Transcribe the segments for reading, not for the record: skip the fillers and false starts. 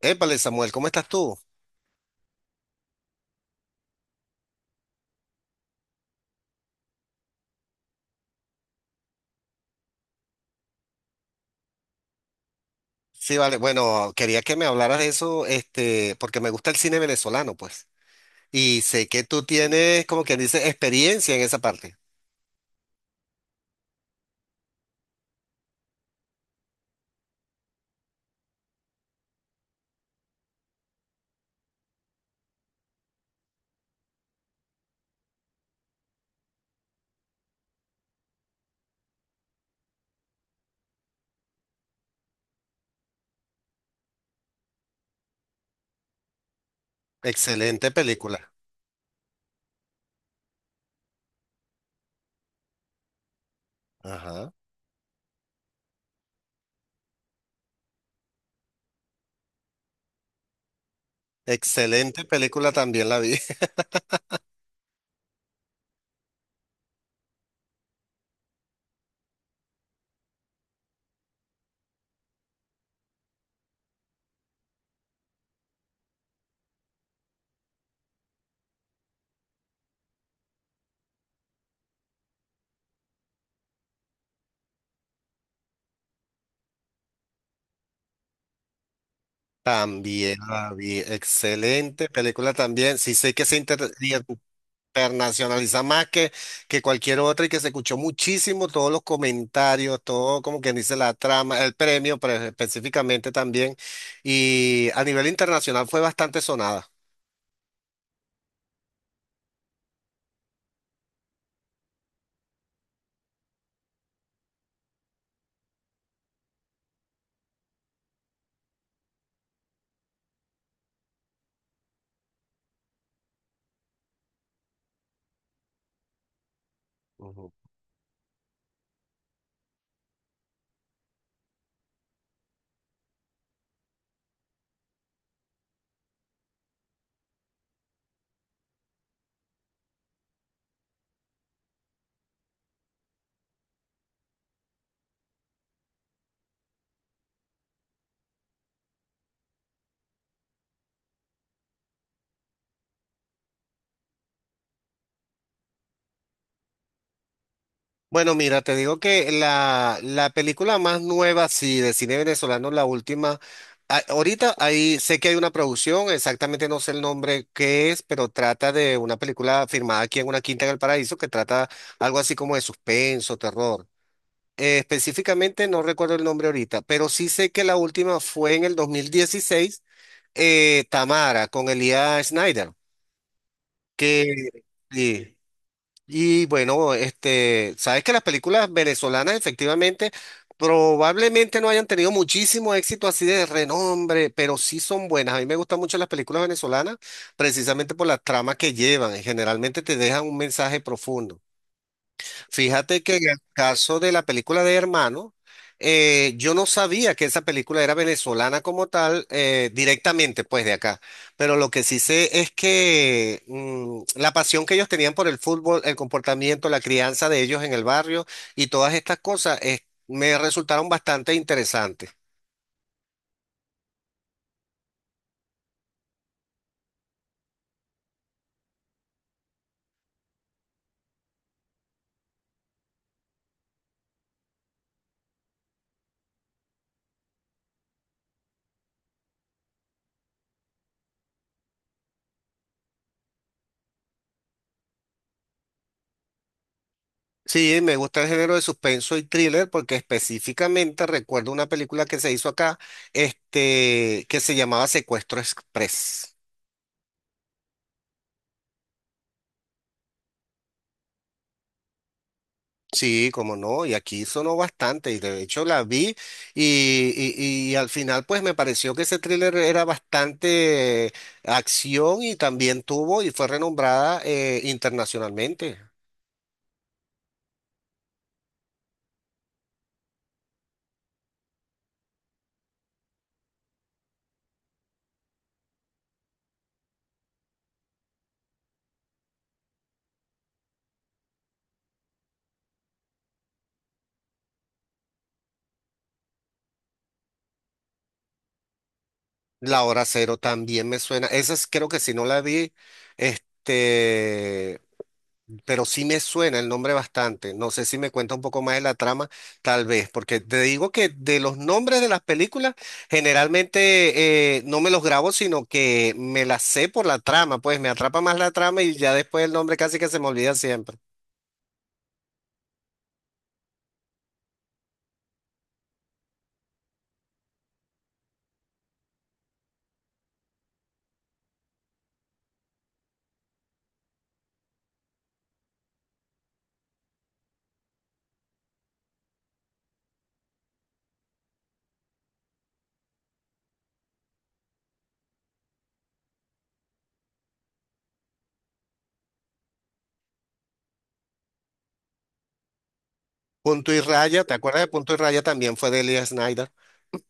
Épale, Samuel, ¿cómo estás tú? Sí, vale. Bueno, quería que me hablaras de eso, porque me gusta el cine venezolano, pues. Y sé que tú tienes, como quien dice, experiencia en esa parte. Excelente película. Ajá. Excelente película también la vi. También la vi. Excelente película también. Sí, sé que se inter... internacionaliza más que cualquier otra y que se escuchó muchísimo todos los comentarios, todo como quien dice la trama, el premio pero específicamente también y a nivel internacional fue bastante sonada. Ujú. Bueno, mira, te digo que la película más nueva, sí, de cine venezolano, la última, ahorita ahí sé que hay una producción, exactamente no sé el nombre que es, pero trata de una película firmada aquí en una quinta en el paraíso que trata algo así como de suspenso, terror. Específicamente no recuerdo el nombre ahorita, pero sí sé que la última fue en el 2016, Tamara con Elías Schneider, que y, y bueno, sabes que las películas venezolanas efectivamente probablemente no hayan tenido muchísimo éxito así de renombre, pero sí son buenas. A mí me gustan mucho las películas venezolanas precisamente por la trama que llevan, y generalmente te dejan un mensaje profundo. Fíjate que en el caso de la película de Hermano, yo no sabía que esa película era venezolana como tal, directamente pues de acá, pero lo que sí sé es que mm, la pasión que ellos tenían por el fútbol, el comportamiento, la crianza de ellos en el barrio y todas estas cosas, me resultaron bastante interesantes. Sí, me gusta el género de suspenso y thriller porque específicamente recuerdo una película que se hizo acá, que se llamaba Secuestro Express. Sí, como no, y aquí sonó bastante, y de hecho la vi, y, y al final pues me pareció que ese thriller era bastante, acción y también tuvo y fue renombrada internacionalmente. La Hora Cero también me suena, creo que si no la vi, este, pero sí me suena el nombre bastante. No sé si me cuenta un poco más de la trama, tal vez, porque te digo que de los nombres de las películas, generalmente, no me los grabo, sino que me las sé por la trama, pues me atrapa más la trama y ya después el nombre casi que se me olvida siempre. Punto y Raya, ¿te acuerdas de Punto y Raya? También fue de Elia Snyder.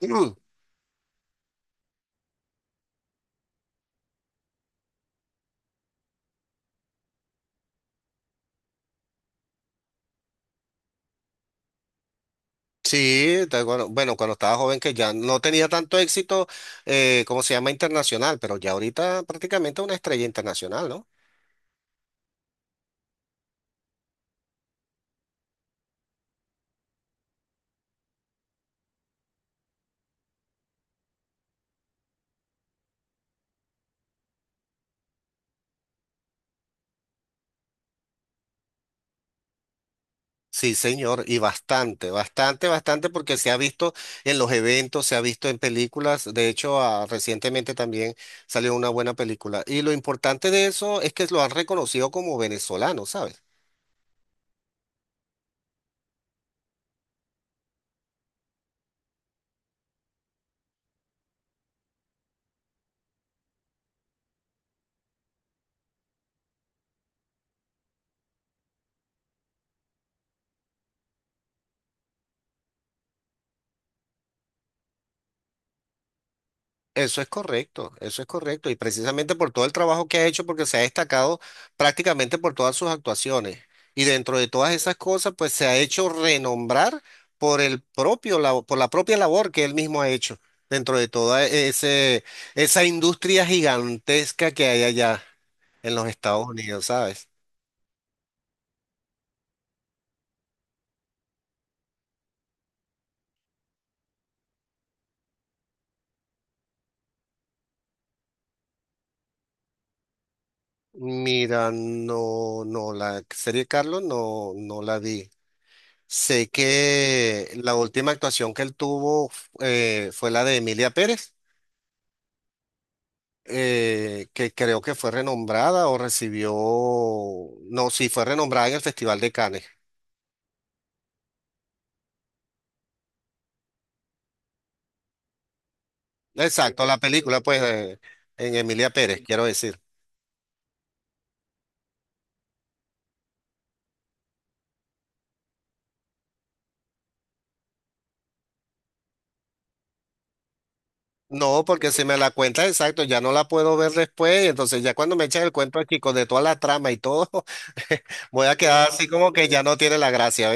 Mm. Sí, te acuerdo. Bueno, cuando estaba joven que ya no tenía tanto éxito, ¿cómo se llama? Internacional, pero ya ahorita prácticamente una estrella internacional, ¿no? Sí, señor, y bastante, bastante, bastante, porque se ha visto en los eventos, se ha visto en películas, de hecho, ah, recientemente también salió una buena película. Y lo importante de eso es que lo han reconocido como venezolano, ¿sabes? Eso es correcto, eso es correcto. Y precisamente por todo el trabajo que ha hecho, porque se ha destacado prácticamente por todas sus actuaciones. Y dentro de todas esas cosas, pues se ha hecho renombrar por el propio, por la propia labor que él mismo ha hecho dentro de esa industria gigantesca que hay allá en los Estados Unidos, ¿sabes? Mira, no, no, la serie Carlos no, no la vi. Sé que la última actuación que él tuvo fue la de Emilia Pérez, que creo que fue renombrada o recibió, no, sí, fue renombrada en el Festival de Cannes. Exacto, la película, pues, en Emilia Pérez, quiero decir. No, porque si me la cuenta exacto, ya no la puedo ver después, y entonces ya cuando me echan el cuento aquí con de toda la trama y todo, voy a quedar así como que ya no tiene la gracia.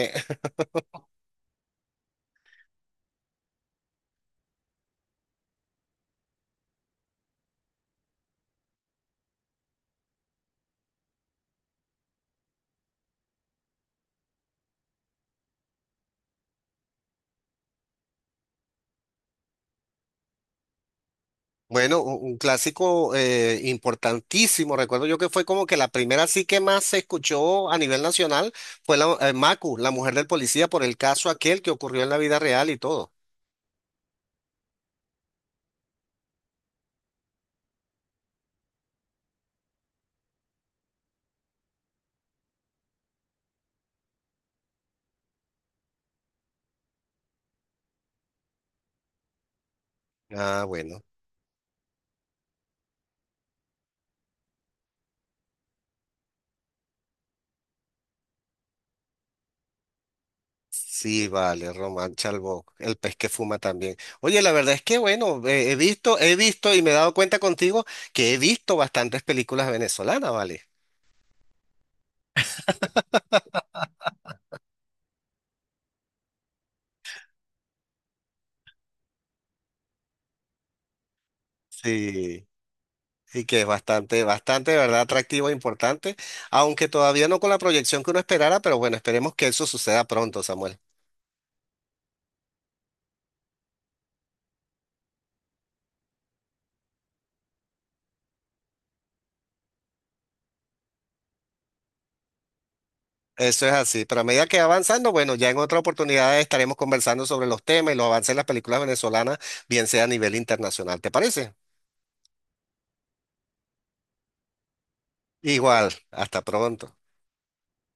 Bueno, un clásico importantísimo. Recuerdo yo que fue como que la primera sí que más se escuchó a nivel nacional fue la Macu, la mujer del policía, por el caso aquel que ocurrió en la vida real y todo. Ah, bueno. Sí, vale, Román Chalbó, el pez que fuma también. Oye, la verdad es que bueno, he visto y me he dado cuenta contigo que he visto bastantes películas venezolanas, ¿vale? Sí. Y que es bastante, bastante, de verdad, atractivo e importante, aunque todavía no con la proyección que uno esperara, pero bueno, esperemos que eso suceda pronto, Samuel. Eso es así, pero a medida que va avanzando, bueno, ya en otra oportunidad estaremos conversando sobre los temas y los avances de las películas venezolanas, bien sea a nivel internacional, ¿te parece? Igual, hasta pronto.